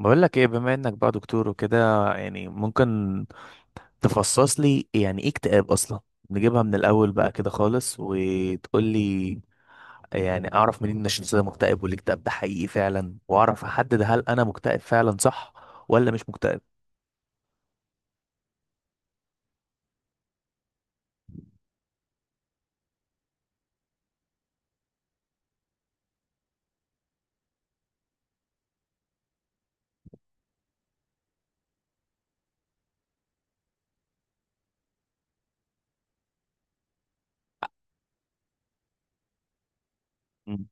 بقول لك ايه، بما انك بقى دكتور وكده يعني ممكن تفصص لي يعني ايه اكتئاب اصلا؟ نجيبها من الاول بقى كده خالص، وتقول لي يعني اعرف منين ان الشخص ده مكتئب والاكتئاب ده حقيقي فعلا، واعرف احدد هل انا مكتئب فعلا، صح ولا مش مكتئب؟ مم.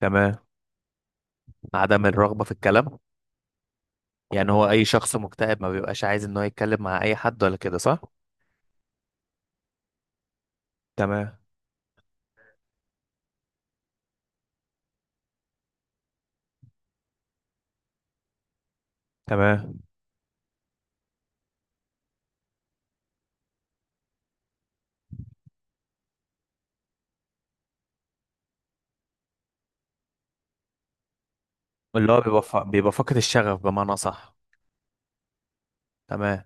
تمام. عدم الرغبة في الكلام. يعني هو اي شخص مكتئب ما بيبقاش عايز ان هو يتكلم مع اي حد، ولا كده صح؟ تمام. تمام. اللي هو بيبقى فاقد الشغف بمعنى، صح؟ تمام.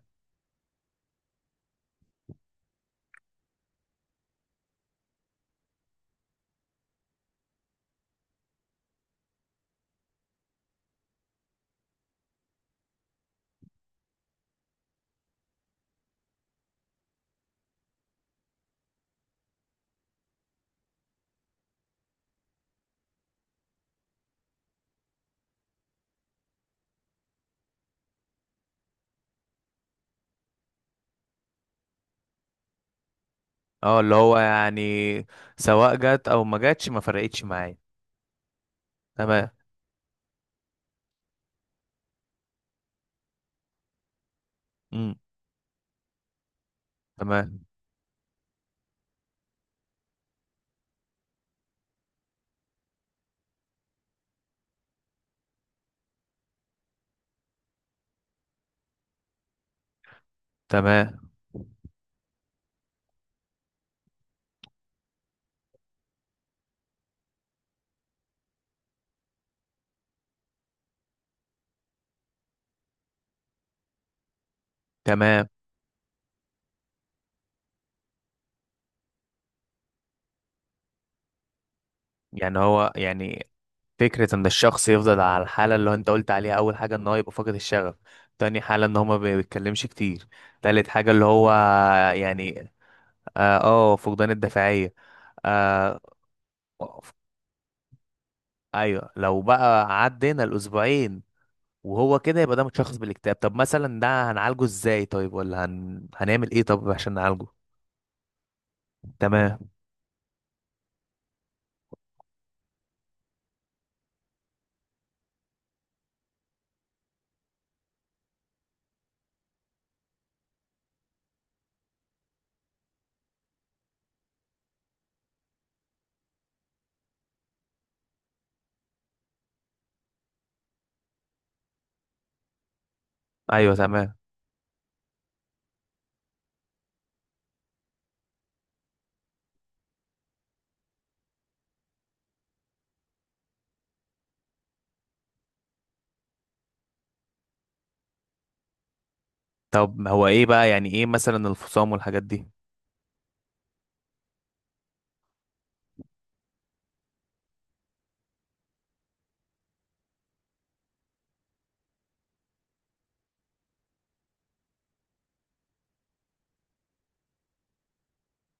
اه، اللي هو يعني سواء جت او ما جاتش ما فرقتش معايا. تمام. امم. تمام. تمام. تمام. يعني هو فكرة ان الشخص يفضل على الحالة اللي هو انت قلت عليها: اول حاجة ان هو يبقى فاقد الشغف، تاني حالة ان هو ما بيتكلمش كتير، تالت حاجة اللي هو يعني اه، فقدان الدافعية. آه. ايوه، لو بقى عدينا الاسبوعين وهو كده يبقى ده متشخص بالاكتئاب. طب مثلا ده هنعالجه ازاي؟ طيب، ولا هنعمل ايه طب عشان نعالجه؟ تمام. ايوه، تمام. طب هو ايه بقى، يعني ايه مثلا الفصام والحاجات دي؟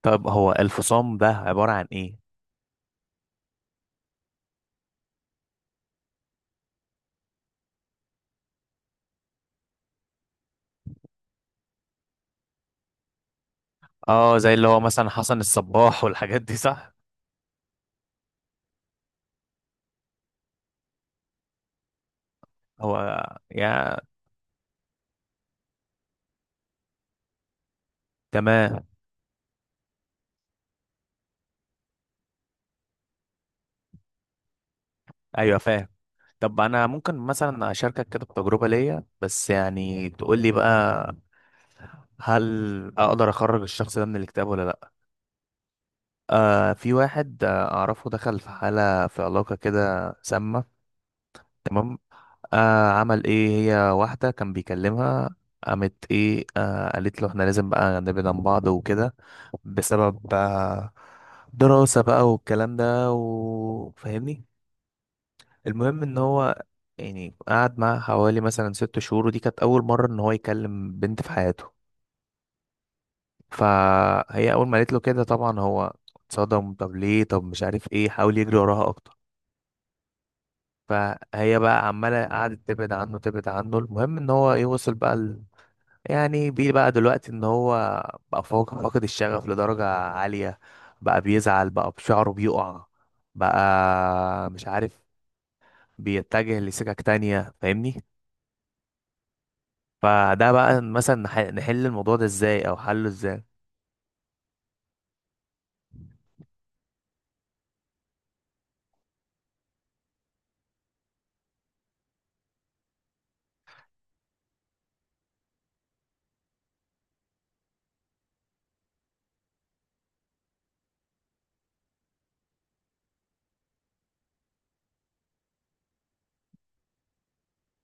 طب هو الفصام ده عبارة عن ايه؟ اه، زي اللي هو مثلا حسن الصباح والحاجات دي، صح؟ هو يا... تمام. ايوه، فاهم. طب انا ممكن مثلا اشاركك كده بتجربة ليا، بس يعني تقول لي بقى، هل اقدر اخرج الشخص ده من الاكتئاب ولا لا؟ في واحد اعرفه دخل في حالة، في علاقة كده سامة. تمام. عمل ايه، هي واحدة كان بيكلمها. قامت ايه، قالت له احنا لازم بقى نبعد عن بعض وكده، بسبب دراسة بقى والكلام ده، وفاهمني. المهم ان هو يعني قعد معاها حوالي مثلا 6 شهور، ودي كانت اول مرة ان هو يكلم بنت في حياته. فهي اول ما قالت له كده طبعا هو اتصدم: طب ليه؟ طب مش عارف ايه. حاول يجري وراها اكتر، فهي بقى عمالة قعدت تبعد عنه تبعد عنه. المهم ان هو ايه، وصل بقى يعني بيه بقى دلوقتي ان هو فاقد الشغف لدرجة عالية، بقى بيزعل، بقى بشعره بيقع، بقى مش عارف، بيتجه لسكك تانية، فاهمني؟ فده بقى مثلا نحل الموضوع ده ازاي، او حله ازاي؟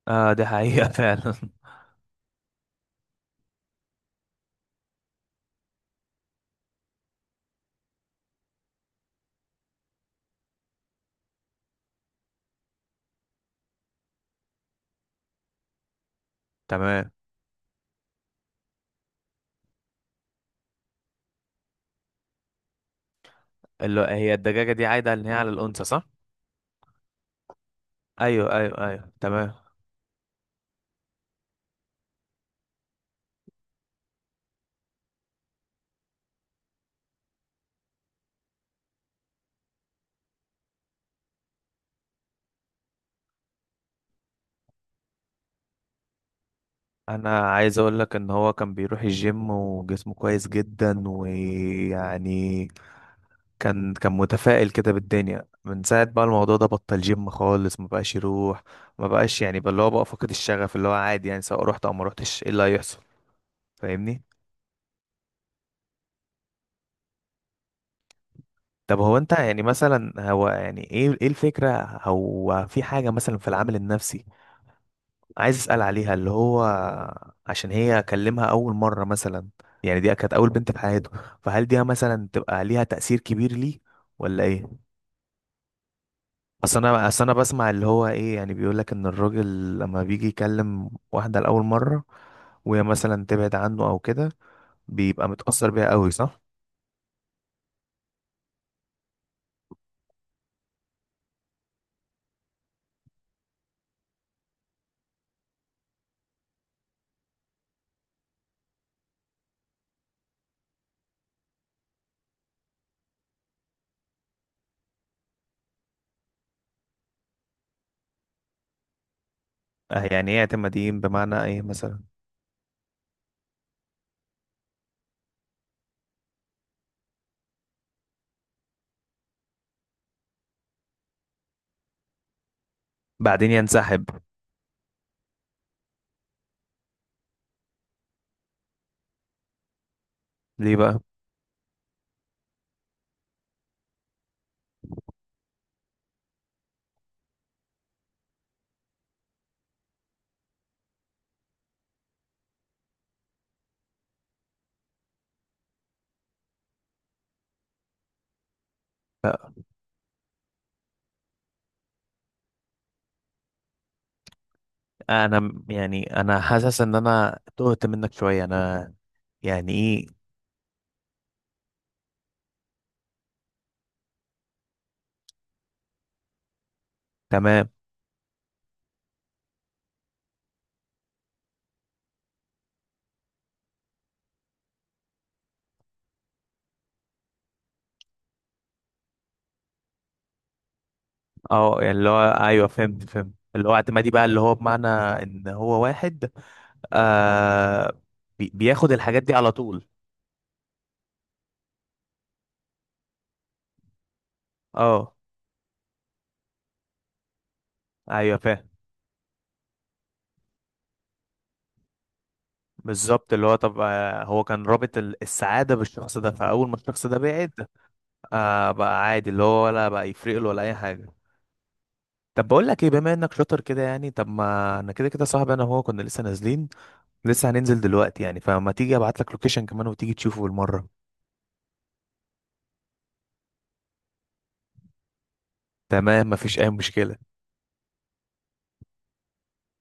اه، دي حقيقة فعلا. تمام. اللي هي الدجاجة دي عايدة ان هي على الأنثى، صح؟ ايوه، ايوه، ايوه، تمام. انا عايز اقول لك ان هو كان بيروح الجيم وجسمه كويس جدا، ويعني كان متفائل كده بالدنيا. من ساعة بقى الموضوع ده بطل جيم خالص، ما بقاش يروح، ما بقاش يعني بقى اللي هو بقى فقد الشغف. اللي هو عادي يعني، سواء رحت او ما رحتش ايه اللي هيحصل؟ فاهمني؟ طب هو انت يعني مثلا، هو يعني ايه الفكرة؟ هو في حاجة مثلا في العامل النفسي عايز اسأل عليها، اللي هو عشان هي اكلمها اول مرة مثلا. يعني دي كانت اول بنت في حياته، فهل دي مثلا تبقى ليها تأثير كبير ليه، ولا ايه؟ اصل انا بسمع اللي هو ايه، يعني بيقول لك ان الراجل لما بيجي يكلم واحده لاول مره وهي مثلا تبعد عنه او كده، بيبقى متاثر بيها قوي، صح؟ يعني ايه اعتماديين بمعنى ايه مثلا؟ بعدين ينسحب. ليه بقى؟ انا يعني انا حاسس ان انا تهت منك شويه. انا يعني ايه؟ تمام. اه، يعني اللي هو ايوه فهمت فهمت، اللي هو اعتمادي بقى، اللي هو بمعنى ان هو واحد، آه بياخد الحاجات دي على طول. اه، ايوه فاهم. بالظبط، اللي هو طب هو كان رابط السعادة بالشخص ده، فأول ما الشخص ده بعد بقى عادي، اللي هو ولا بقى يفرق له، ولا أي حاجة. طب بقول لك ايه، بما انك شاطر كده يعني، طب ما انا كده كده صاحبي انا وهو كنا لسه نازلين، لسه هننزل دلوقتي يعني، فما تيجي ابعت لك لوكيشن كمان وتيجي تشوفه بالمرة؟ تمام، مفيش اي مشكلة.